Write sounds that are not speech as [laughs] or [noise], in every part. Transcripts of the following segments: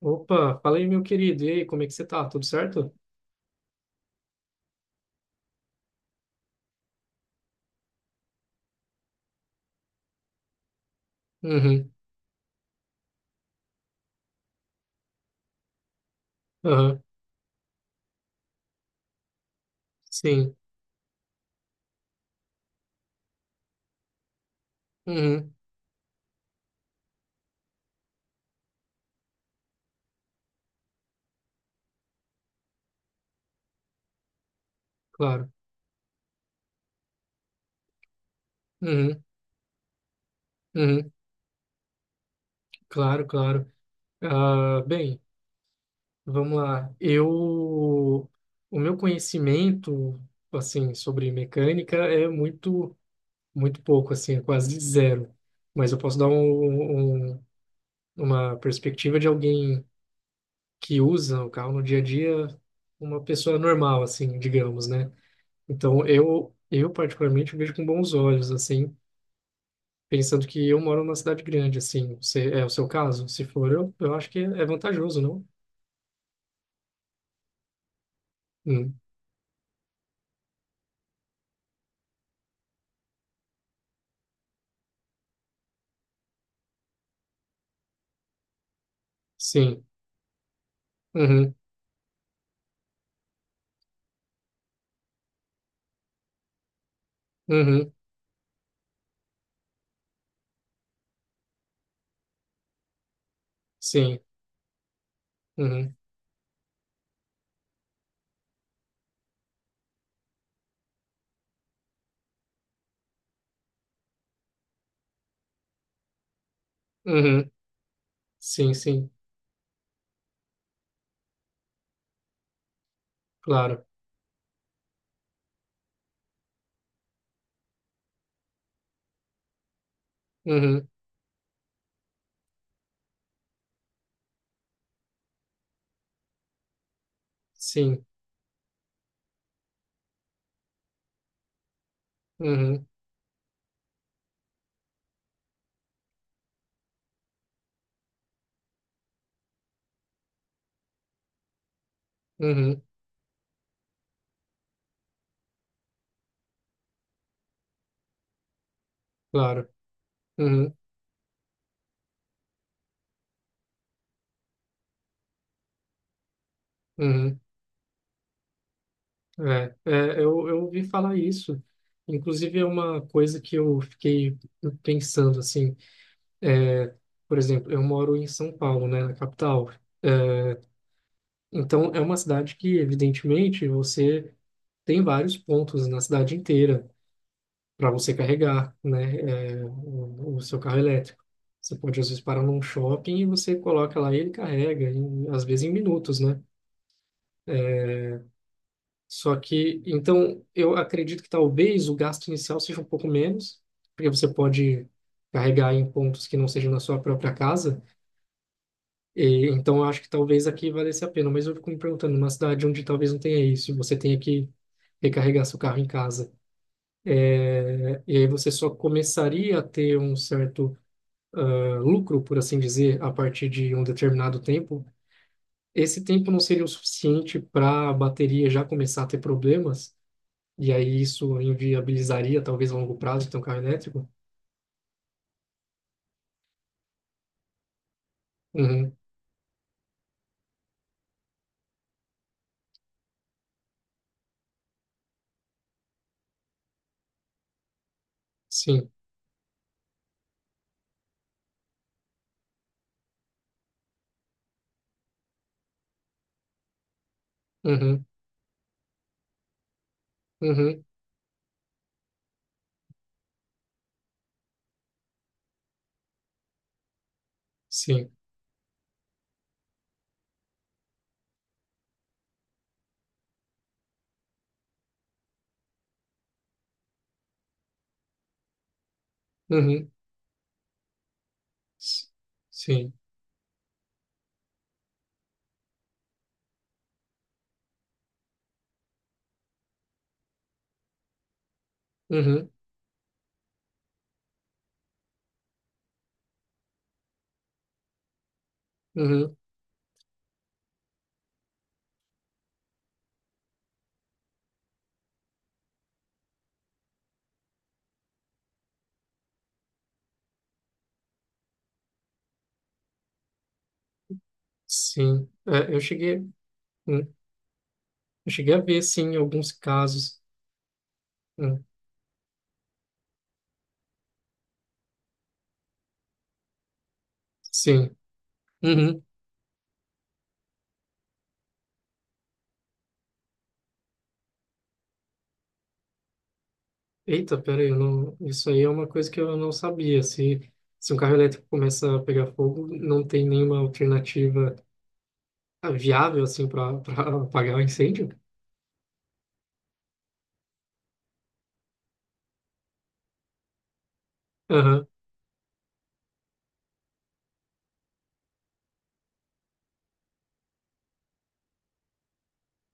Opa, fala aí, meu querido. E aí, como é que você tá? Tudo certo? Uhum, aham, sim. Uhum, claro. Uhum, uhum, claro, claro. Ah, bem, vamos lá. O meu conhecimento, assim, sobre mecânica é muito, muito pouco, assim, é quase zero. Mas eu posso dar uma perspectiva de alguém que usa o carro no dia a dia, uma pessoa normal, assim, digamos, né? Então, eu particularmente vejo com bons olhos, assim, pensando que eu moro numa cidade grande, assim. É o seu caso? Se for, eu acho que é vantajoso, não? Hum, sim. Uhum, uhum, sim. Uhum, uhum, sim, sim. Claro. Uhum, sim. Uhum, uhum, claro. Uhum, uhum. É, eu ouvi falar isso. Inclusive, é uma coisa que eu fiquei pensando, assim. É, por exemplo, eu moro em São Paulo, né, na capital. É, então, é uma cidade que, evidentemente, você tem vários pontos na cidade inteira para você carregar, né, o seu carro elétrico. Você pode, às vezes, parar num shopping e você coloca lá e ele carrega, às vezes em minutos, né? Só que, então, eu acredito que talvez o gasto inicial seja um pouco menos, porque você pode carregar em pontos que não sejam na sua própria casa. E, então, acho que talvez aqui valesse a pena. Mas eu fico me perguntando, numa cidade onde talvez não tenha isso, você tenha que recarregar seu carro em casa, né? E aí você só começaria a ter um certo, ah, lucro, por assim dizer, a partir de um determinado tempo. Esse tempo não seria o suficiente para a bateria já começar a ter problemas, e aí isso inviabilizaria, talvez a longo prazo, ter um carro elétrico? Uhum, sim. Uhum, uhum, sim. Uhum, s- sim. Uhum, uhum. Sim. É, hum, eu cheguei a ver, sim, alguns casos. Hum. Sim. Uhum. Eita, peraí, eu não, isso aí é uma coisa que eu não sabia. Se um carro elétrico começa a pegar fogo, não tem nenhuma alternativa viável, assim, para [laughs] apagar o incêndio? Aham,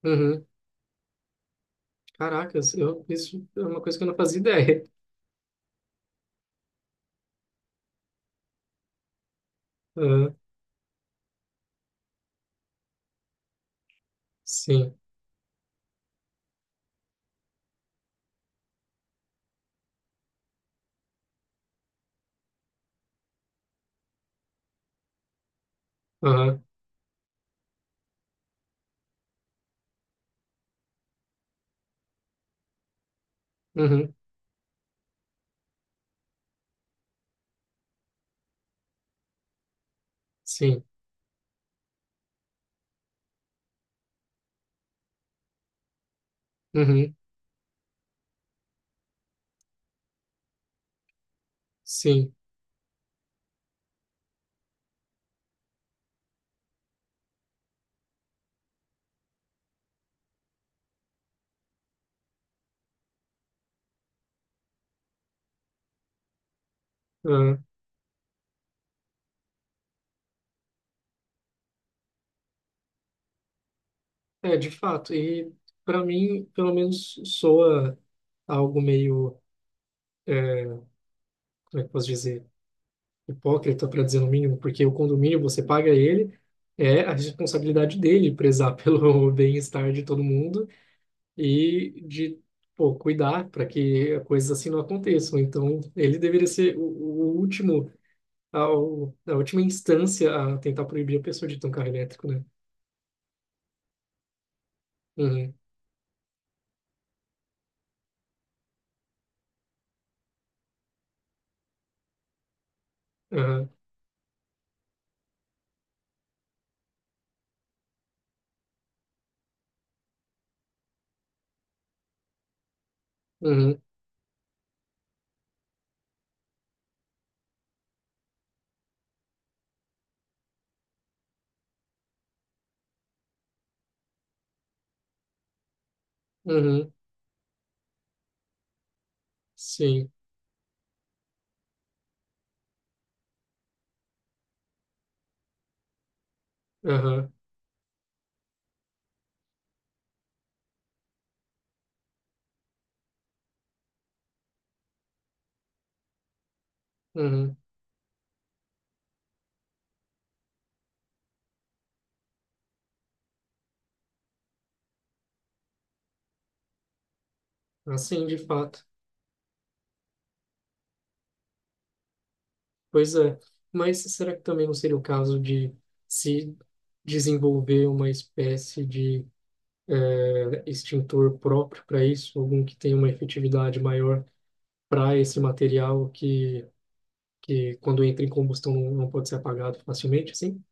uhum. Caracas, isso é uma coisa que eu não fazia ideia. Aham. Sim, aham, uhum. Sim, uhum. Sim, aham. É, de fato, e para mim, pelo menos soa algo meio, é, como é que eu posso dizer, hipócrita, para dizer no mínimo, porque o condomínio você paga ele, é a responsabilidade dele prezar pelo [laughs] bem-estar de todo mundo e de, pô, cuidar para que coisas assim não aconteçam. Então, ele deveria ser o último, a última instância a tentar proibir a pessoa de ter um carro elétrico, né? Uhum, aham, uhum, uhum, sim, aham, uhum, assim, de fato. Pois é, mas será que também não seria o caso de se desenvolver uma espécie de extintor próprio para isso, algum que tenha uma efetividade maior para esse material que quando entra em combustão não pode ser apagado facilmente, assim?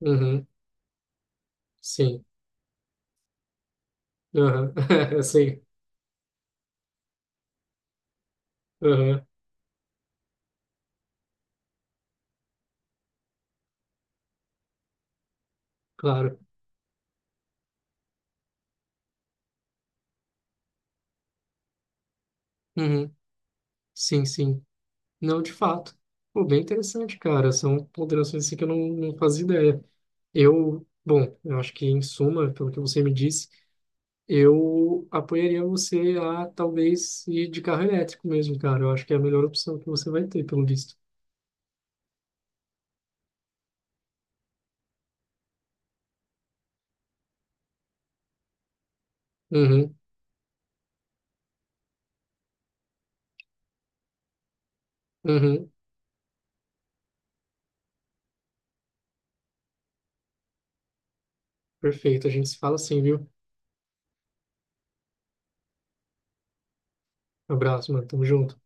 Uhum, sim, uhum. [laughs] Sim, uhum, claro. Uhum, sim, sim. Não, de fato. Pô, bem interessante, cara. São ponderações assim que eu não fazia ideia. Bom, eu acho que em suma, pelo que você me disse, eu apoiaria você a talvez ir de carro elétrico mesmo, cara. Eu acho que é a melhor opção que você vai ter, pelo visto. Uhum, uhum, perfeito. A gente se fala assim, viu? Abraço, mano. Tamo junto.